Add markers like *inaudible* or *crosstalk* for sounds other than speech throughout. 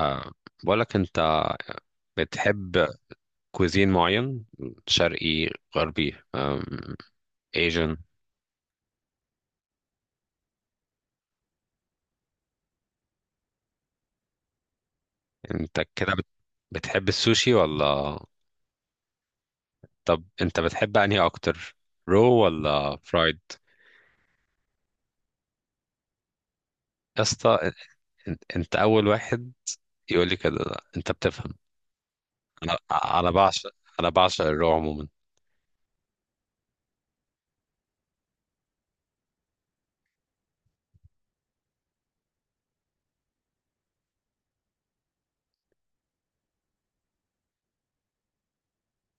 أه، بقول لك انت، بتحب كوزين معين؟ شرقي، غربي، ايجن؟ انت كده بت- بتحب السوشي ولا؟ طب انت بتحب انهي اكتر، رو ولا فرايد؟ يا اسطى، انت اول واحد يقول لي كده. لا، انت بتفهم. انا انا بعشق انا بعشق الرو عموما.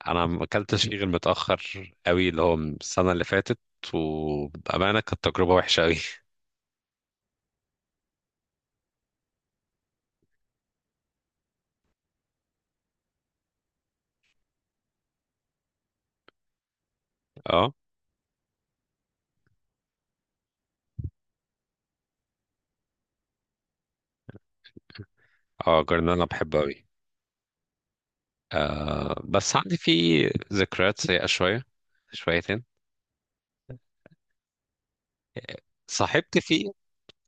انا ما اكلتش فيه غير متاخر قوي، اللي هو من السنه اللي فاتت، وبامانه كانت تجربه وحشه قوي. *laughs* اه، اه، جرنان انا بحبه قوي. آه، بس عندي فيه ذكريات سيئة شوية، شويتين. صاحبت فيه.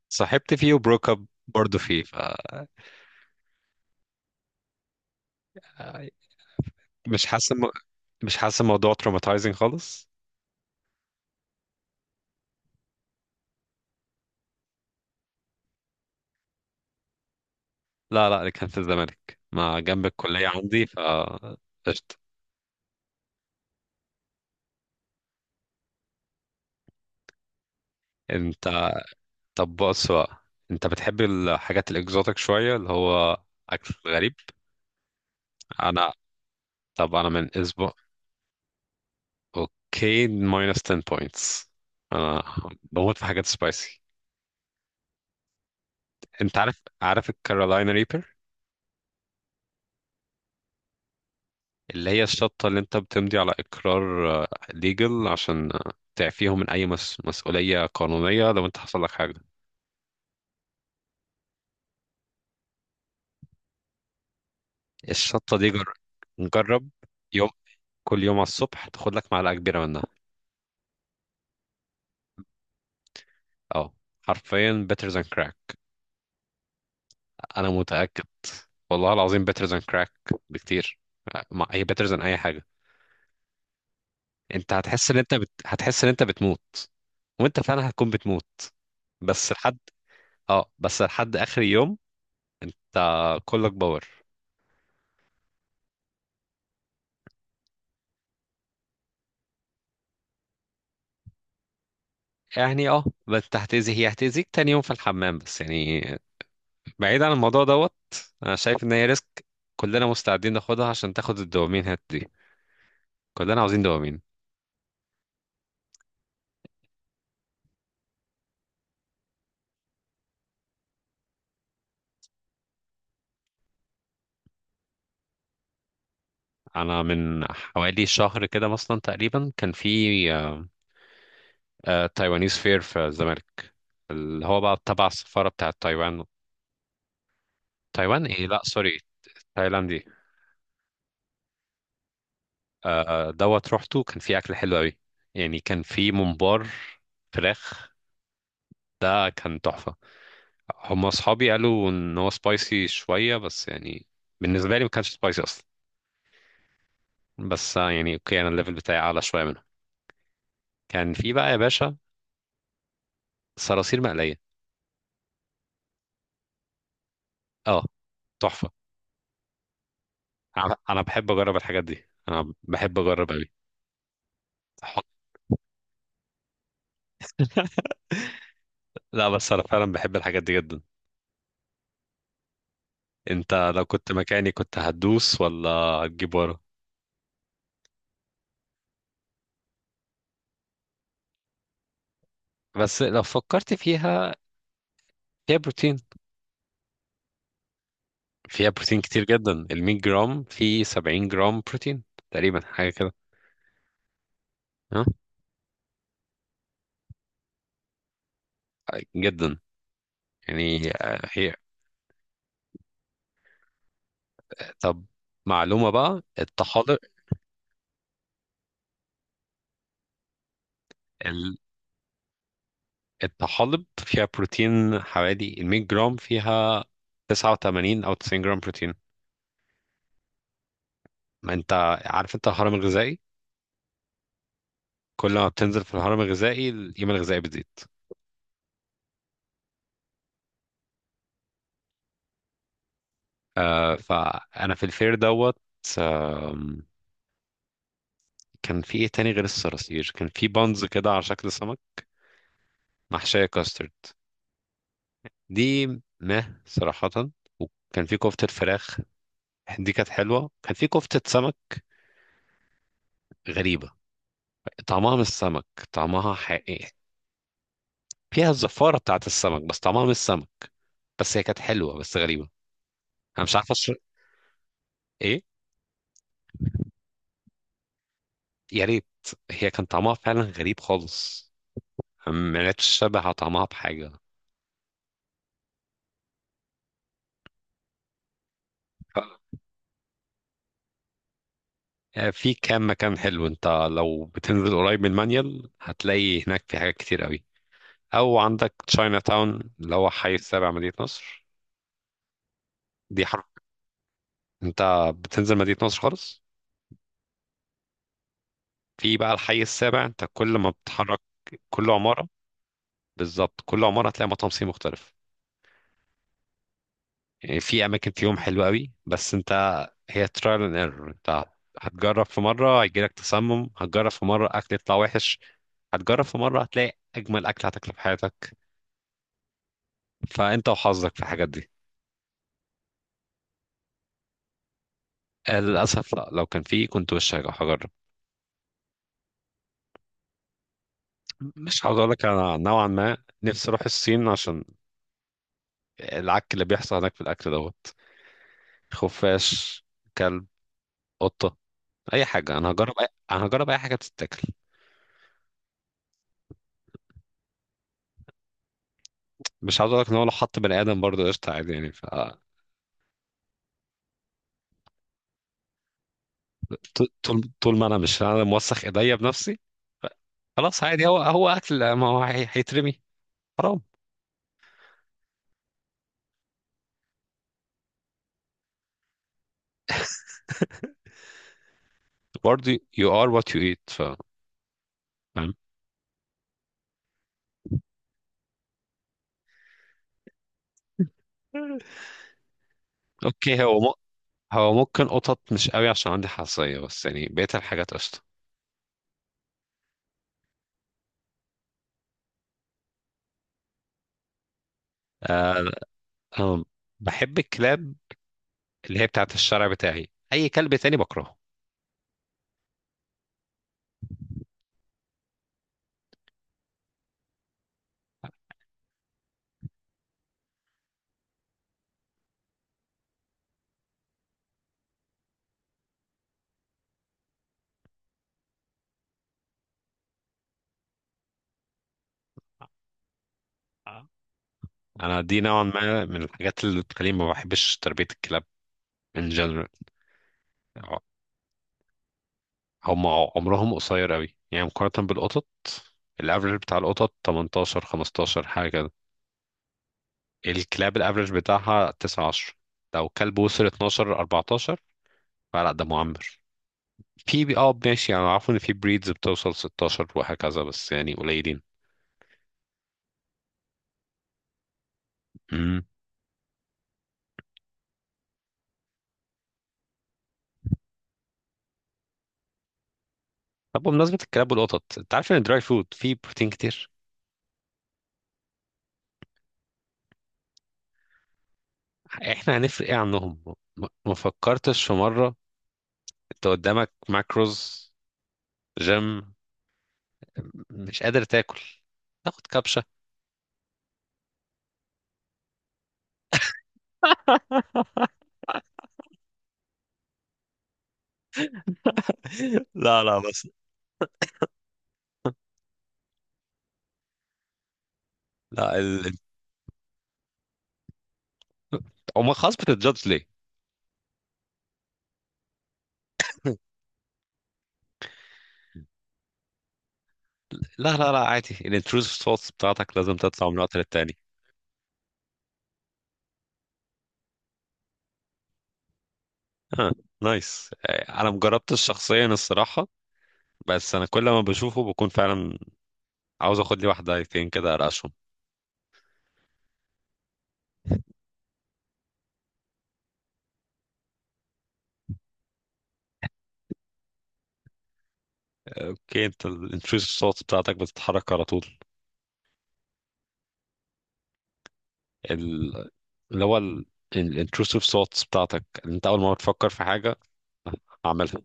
صاحبت فيه وبروك اب برضه فيه، ف آه، مش حاسس الم- مش حاسس الموضوع تروماتايزنج خالص. لا، لا، اللي كان في الزمالك، ما جنب الكلية عندي. قشطة. انت، طب بص بقى، انت بتحب الحاجات الاكزوتيك شوية، اللي هو اكل غريب. انا طب انا من اسبوع، اوكي ماينس 10 بوينتس، انا بموت في حاجات سبايسي. انت عارف، الكارولاينا ريبر، اللي هي الشطة اللي انت بتمضي على اقرار ليجل عشان تعفيهم من اي مسؤولية قانونية لو انت حصل لك حاجة. الشطة دي جرب يوم، كل يوم على الصبح تاخد لك معلقة كبيرة منها. اه، حرفيا better than crack، انا متأكد. والله العظيم better than crack بكتير، مع هي better than اي حاجة. انت هتحس ان انت هتحس ان انت بتموت، وانت فعلا هتكون بتموت. بس لحد اه بس لحد اخر يوم، انت كلك باور. يعني بس هي هتأذيك تاني يوم في الحمام، بس يعني. بعيد عن الموضوع دوت، انا شايف ان هي ريسك. كلنا مستعدين ناخدها عشان تاخد الدوبامين هات دي. كلنا عاوزين دوبامين. انا من حوالي شهر كده مثلا تقريبا، كان في آه، تايوانيز فير في الزمالك، اللي هو بقى تبع السفارة بتاعت تايوان. تايوان ايه، لا، سوري، تايلاندي. دوت، روحته كان فيه اكل حلو قوي. يعني كان فيه ممبار، فراخ، كان تحفة. هم اصحابي قالوا ان هو سبايسي شويه، بس يعني بالنسبه لي ما كانش سبايسي اصلا. بس يعني اوكي انا الليفل بتاعي اعلى شويه منهم. كان في بقى يا باشا صراصير مقليه، اه، تحفه. انا بحب اجرب الحاجات دي، انا بحب اجرب قوي. *laughs* لا، بس انا فعلا بحب الحاجات دي جدا. انت لو كنت مكاني، كنت هتدوس ولا هتجيب ورا؟ بس لو فكرت فيها، فيها بروتين، فيها بروتين كتير جدا. ال 100 جرام فيه 70 جرام بروتين، تقريبا حاجه كده. ها، جدا يعني. آه، هي طب معلومة بقى، الطحالب، ال- الطحالب فيها بروتين، حوالي ال 100 جرام فيها 89 أو 90 جرام بروتين. ما أنت عارف أنت الهرم الغذائي، كل ما بتنزل في الهرم الغذائي القيمة الغذائية بتزيد. آه، فأنا في الفير دوت، آم، كان في إيه تاني غير الصراصير؟ كان في بانز كده على شكل سمك محشية كاسترد، دي مه صراحة. وكان في كفتة فراخ، دي كانت حلوة. كان في كفتة سمك غريبة، طعمها مش سمك، طعمها حقيقي، فيها الزفارة بتاعت السمك بس طعمها مش سمك. بس هي كانت حلوة بس غريبة. أنا مش عارف أشرب إيه. يا ريت. هي كان طعمها فعلا غريب خالص، ما لقتش شبه طعمها بحاجة. ف- في كام مكان حلو. أنت لو بتنزل قريب من المانيال، هتلاقي هناك في حاجات كتير قوي. أو عندك تشاينا تاون، اللي هو حي السابع، مدينة نصر. دي حرف. أنت بتنزل مدينة نصر خالص، في بقى الحي السابع، أنت كل ما بتتحرك، كل عمارة، بالظبط كل عمارة هتلاقي مطعم صيني مختلف. يعني في أماكن فيهم حلوة قوي، بس أنت هي ترايل اند ايرور. أنت هتجرب في مرة هيجيلك تسمم، هتجرب في مرة أكل يطلع وحش، هتجرب في مرة هتلاقي أجمل أكل هتاكله في حياتك. فأنت وحظك في الحاجات دي. للأسف لا، لو كان فيه كنت وش هجرب. مش عاوز أقول لك، أنا نوعا ما نفسي أروح الصين عشان العك اللي بيحصل هناك في الأكل دوت. خفاش، كلب، قطة، أي حاجة. أنا هجرب أي حاجة تتاكل. مش عاوز اقول لك ان هو لو حط بني ادم برضه قشطه عادي يعني طول طول ما انا مش موسخ ايديا بنفسي. ف- خلاص عادي، هو اكل، ما هو هيترمي حرام. برضه you are what you eat، فاهم. اوكي هو ممكن قطط مش قوي عشان عندي حساسيه، بس يعني بقيت الحاجات قشطه. آه، انا بحب الكلاب، اللي هي بتاعت الشارع بتاعي. اي كلب تاني بكرهه. انا دي نوعا ما من الحاجات اللي بتخليني ما بحبش تربية الكلاب ان جنرال. هم عمرهم قصير قوي يعني مقارنة بالقطط. الافرج بتاع القطط 18، 15، حاجة كده. الكلاب الافرج بتاعها 9، 10. لو كلب وصل 12، 14، لا ده معمر. في بي- اه ماشي يعني، عارف ان في بريدز بتوصل 16 وهكذا، بس يعني قليلين. امم. طب بمناسبة الكلاب والقطط، انت عارف ان الدراي فود فيه بروتين كتير؟ احنا هنفرق ايه عنهم؟ ما فكرتش في مرة، انت قدامك ماكروز جيم، مش قادر تاكل، تاخد كبشة. *laughs* لا، لا، بس لا ال... او خلاص، بتتجادج ليه. *laughs* لا، لا، لا، عادي، الانتروسيف ثوتس بتاعتك لازم تطلع من وقت للتاني. اه، نايس. انا مجربتش شخصيا الصراحه، بس انا كل ما بشوفه بكون فعلا عاوز اخد لي واحده ايتين كده ارقشهم. اوكي، انت الانتروسيف صوت بتاعتك بتتحرك على طول، ال- اللي هو الانتروسيف صوت بتاعتك، اللي انت اول ما بتفكر في حاجه هعملها.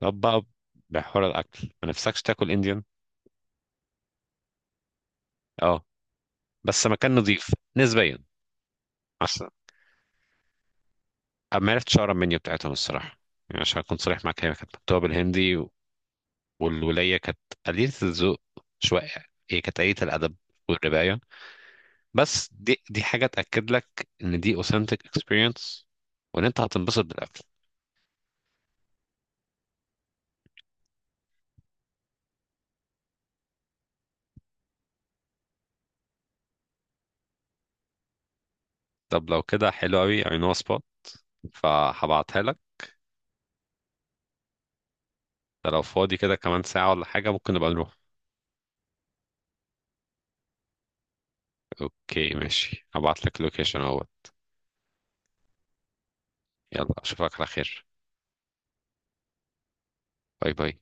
طب بقى، بحوار الاكل، ما نفسكش تاكل انديان؟ اه، بس مكان نظيف نسبيا. عشان ما عرفتش اقرا المنيو بتاعتهم الصراحه، يعني عشان اكون صريح معاك، هي كانت مكتوبه بالهندي، والولاية كانت قليلة الذوق شوية، هي كانت قليلة الأدب والرباية. بس دي حاجة تأكد لك إن دي authentic experience، وإن أنت هتنبسط بالأكل. طب لو كده حلو أوي I know a spot، فهبعتها لك. ده لو فاضي كده كمان ساعة ولا حاجة، ممكن نبقى نروح. أوكي ماشي، هبعت لك اللوكيشن أول. يلا أشوفك على خير. باي باي.